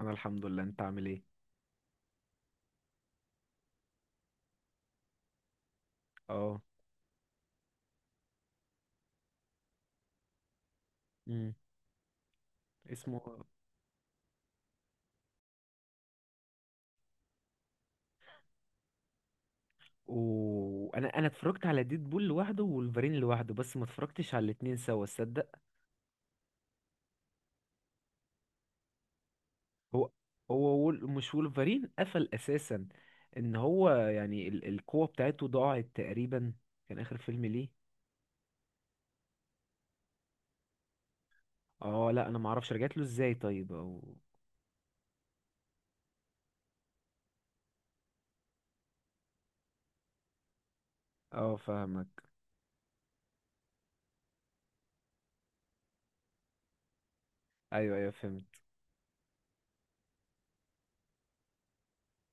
انا الحمد لله، انت عامل ايه؟ اه. امم. اسمه. وانا اتفرجت على ديد بول لوحده وولفرين لوحده، بس ما اتفرجتش على الاتنين سوا، تصدق. هو مش وولفرين قفل اساسا، ان هو يعني القوة بتاعته ضاعت تقريبا، كان اخر فيلم ليه. اه لا، انا ما اعرفش رجعت له ازاي، طيب او. اه فاهمك. ايوه ايوه فهمت.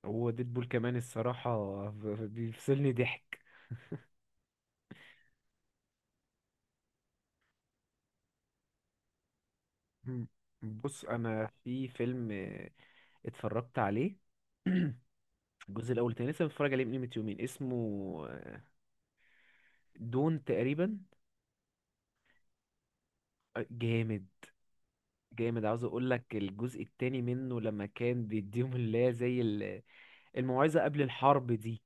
هو ديد بول كمان الصراحة بيفصلني ضحك. مم. بص انا في فيلم اتفرجت عليه الجزء الاول، تاني لسه متفرج عليه من قيمه يومين، اسمه دون تقريبا. جامد. جامد. عاوز اقول لك الجزء التاني منه لما كان بيديهم اللي هي زي الموعظه قبل الحرب دي.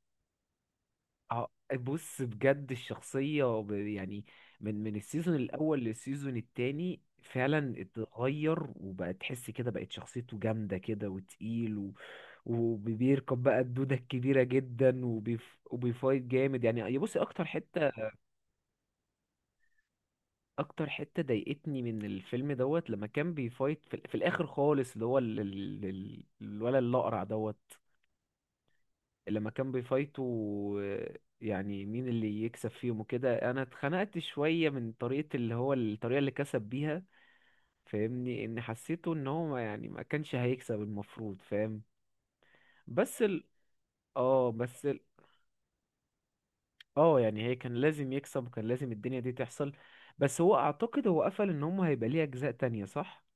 ع- بص بجد الشخصيه يعني من السيزون الاول للسيزون التاني فعلا اتغير، وبقى تحس كده بقت شخصيته جامده كده وتقيل وبيركب بقى الدودة الكبيرة جدا، وبيفايت جامد، يعني يا بصي أكتر حتة، اكتر حتة ضايقتني من الفيلم دوت لما كان بيفايت في الاخر خالص، اللي هو الولد الاقرع دوت. لما كان بيفايتوا يعني مين اللي يكسب فيهم وكده، انا اتخنقت شوية من طريقة اللي هو الطريقة اللي كسب بيها. فاهمني، ان حسيته ان هو يعني ما كانش هيكسب المفروض، فاهم. بس ال... اه اه يعني هي كان لازم يكسب، وكان لازم الدنيا دي تحصل. بس هو اعتقد هو قفل ان هم هيبقى ليه اجزاء تانية، صح.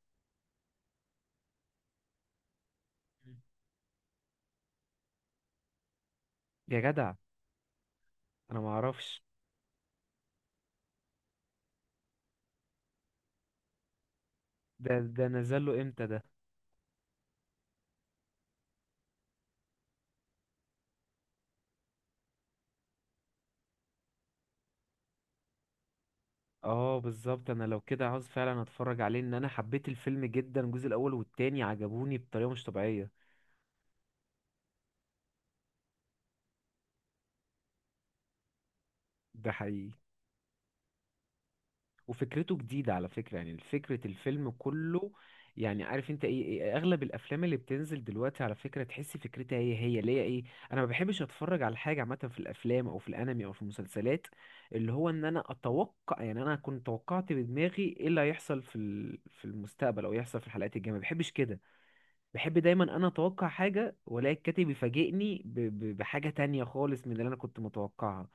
يا جدع. انا ما اعرفش. ده نزل له امتى ده. اه بالظبط، انا لو كده عاوز فعلا اتفرج عليه، ان انا حبيت الفيلم جدا، الجزء الاول والتاني عجبوني بطريقه مش طبيعيه. ده حقيقي. وفكرته جديده على فكره، يعني فكره الفيلم كله. يعني عارف انت إيه اغلب الافلام اللي بتنزل دلوقتي، على فكره تحس فكرتها هي هي ليه ايه. انا ما بحبش اتفرج على حاجه عامه في الافلام او في الانمي او في المسلسلات، اللي هو ان انا اتوقع، يعني انا كنت توقعت بدماغي ايه اللي هيحصل في في المستقبل او يحصل في الحلقات الجايه، ما بحبش كده. بحب دايما انا اتوقع حاجه، والاقي الكاتب يفاجئني بحاجه تانية خالص من اللي انا كنت متوقعها.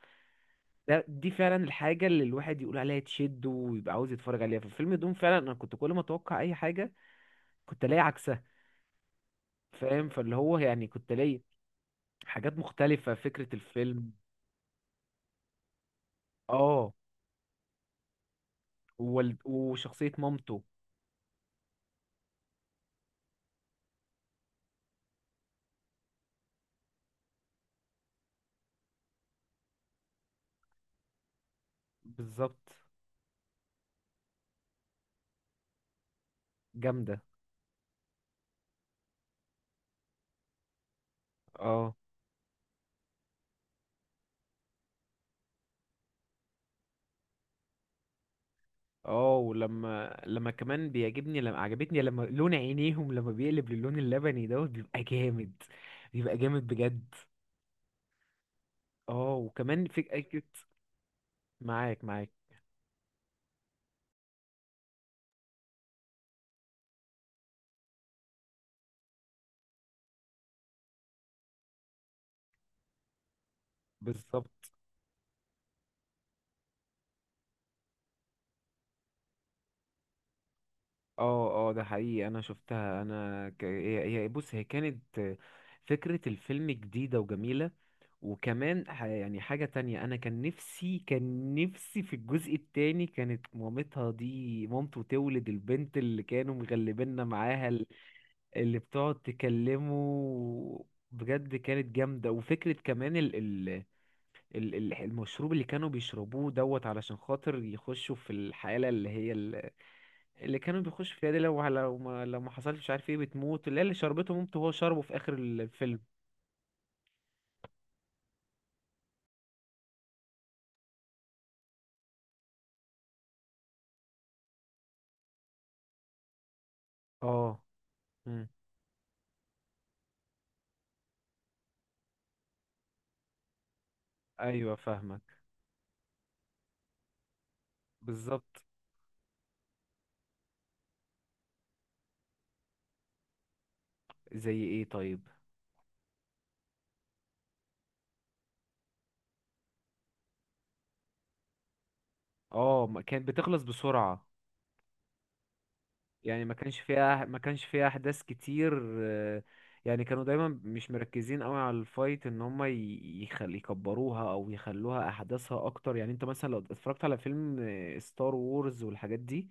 ده دي فعلا الحاجه اللي الواحد يقول عليها تشد، ويبقى عاوز يتفرج عليها في فيلم دوم، فعلا انا كنت كل ما اتوقع اي حاجه كنت الاقي عكسها. فاهم، فاللي هو يعني كنت الاقي حاجات مختلفه فكره الفيلم. اه. وشخصيه مامته. بالظبط. جامده. اه. اه ولما لما كمان بيعجبني لما عجبتني لما لون عينيهم لما بيقلب للون اللبني دوت بيبقى جامد، بيبقى جامد بجد. اه وكمان في اكيد. معاك معاك. بالظبط. اه. اه ده حقيقي، انا شفتها، انا بص هي كانت فكرة الفيلم جديدة وجميلة. وكمان يعني حاجة تانية، انا كان نفسي كان نفسي في الجزء التاني كانت مامتها دي مامته تولد البنت اللي كانوا مغلبيننا معاها، اللي بتقعد تكلمه، بجد كانت جامدة. وفكرة كمان المشروب اللي كانوا بيشربوه دوت علشان خاطر يخشوا في الحالة اللي هي اللي كانوا بيخشوا فيها دي، لو لو ما حصلش مش عارف ايه بتموت، اللي هي اللي شربته مامته وهو شربه في آخر الفيلم. اه. مم. ايوه فاهمك. بالظبط. زي ايه طيب. اه ما كانت بتخلص بسرعة، يعني ما كانش فيها ما كانش فيها احداث كتير. يعني كانوا دايما مش مركزين قوي على الفايت ان هم يخل يكبروها او يخلوها احداثها اكتر. يعني انت مثلا لو اتفرجت على فيلم ستار وورز والحاجات دي،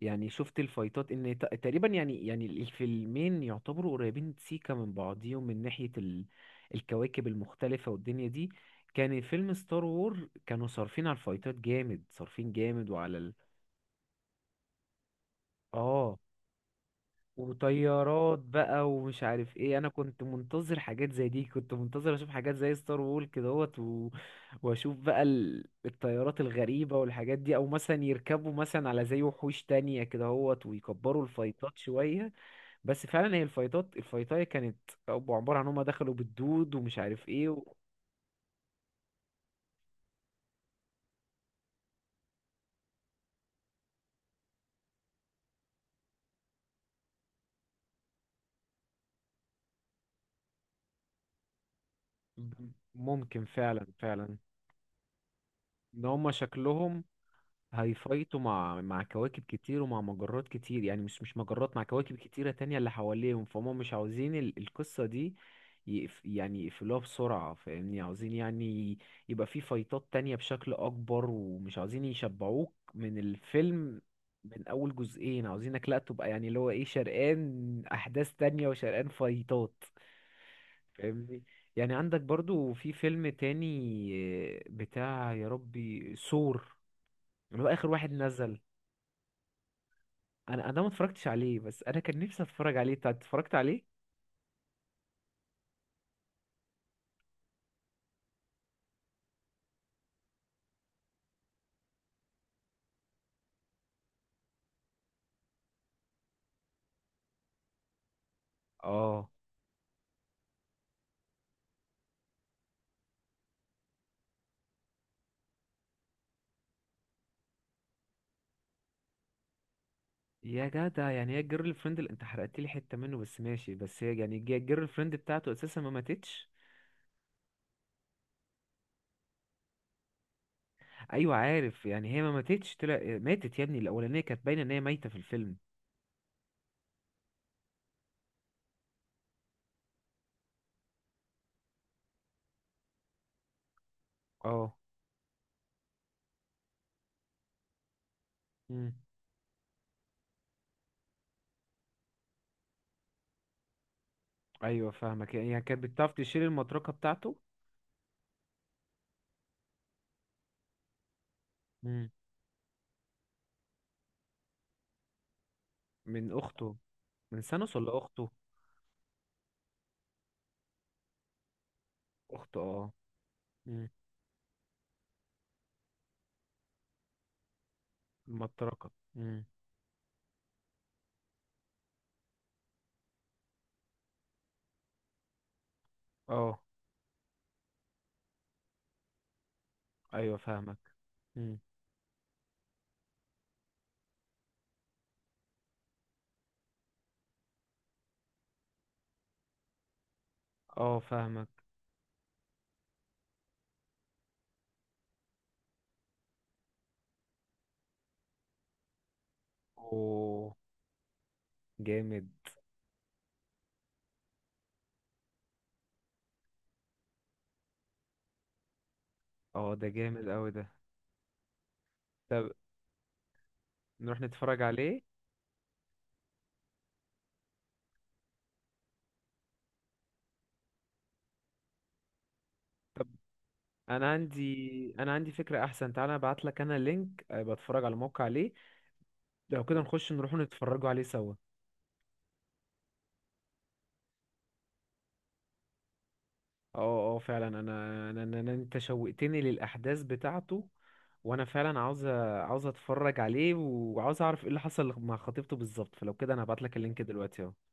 يعني شفت الفايتات ان تقريبا يعني الفيلمين يعتبروا قريبين سيكا من بعضيهم من ناحية الكواكب المختلفة والدنيا دي. كان فيلم ستار وور كانوا صارفين على الفايتات جامد، صارفين جامد وعلى اه وطيارات بقى ومش عارف ايه، انا كنت منتظر حاجات زي دي، كنت منتظر اشوف حاجات زي ستار وول كدهوت واشوف بقى الطيارات الغريبة والحاجات دي، او مثلا يركبوا مثلا على زي وحوش تانية كدهوت ويكبروا الفايتات شوية. بس فعلا هي الفايتات الفايتاية كانت أبو عبارة عن هما دخلوا بالدود، ومش عارف ايه ممكن فعلا فعلا. ان هما شكلهم هيفايتوا مع كواكب كتير ومع مجرات كتير، يعني مش مش مجرات مع كواكب كتيرة تانية اللي حواليهم، فهم مش عاوزين القصة دي يقف، يعني يقفلوها بسرعة، فاهمني، عاوزين يعني يبقى في فايتات تانية بشكل أكبر، ومش عاوزين يشبعوك من الفيلم من أول جزئين، عاوزينك لأ تبقى يعني اللي هو إيه، شرقان أحداث تانية وشرقان فايتات. فاهمني. يعني عندك برضو في فيلم تاني بتاع يا ربي سور، اللي هو آخر واحد نزل. انا ما اتفرجتش عليه، بس انا كان نفسي اتفرج عليه، انت اتفرجت عليه. اه. يا جدع، يعني هي الجيرل فريند اللي انت حرقت لي حته منه بس ماشي، بس هي يعني الجيرل فريند بتاعته اساسا ما ماتتش. ايوه عارف، يعني هي ما ماتتش طلع ماتت يا ابني، الاولانيه كانت باينه ان هي ميته في الفيلم. اه. امم. ايوه فاهمك، يعني كانت بتعرف تشيل المطرقه بتاعته. امم. من اخته. من سانوس ولا اخته. اخته اه. امم. المطرقه. امم. اه ايوه فاهمك. امم. اه فاهمك. جامد. اه ده جامد قوي ده. طب نروح نتفرج عليه. طب انا عندي انا عندي فكرة احسن، تعالى ابعت لك انا لينك بتفرج على الموقع عليه، لو كده نخش نروح نتفرجوا عليه سوا. اه اه فعلا انا انت شوقتني للاحداث بتاعته، وانا فعلا عاوز عاوز اتفرج عليه وعاوز اعرف ايه اللي حصل مع خطيبته بالظبط، فلو كده انا هبعت لك اللينك دلوقتي اهو.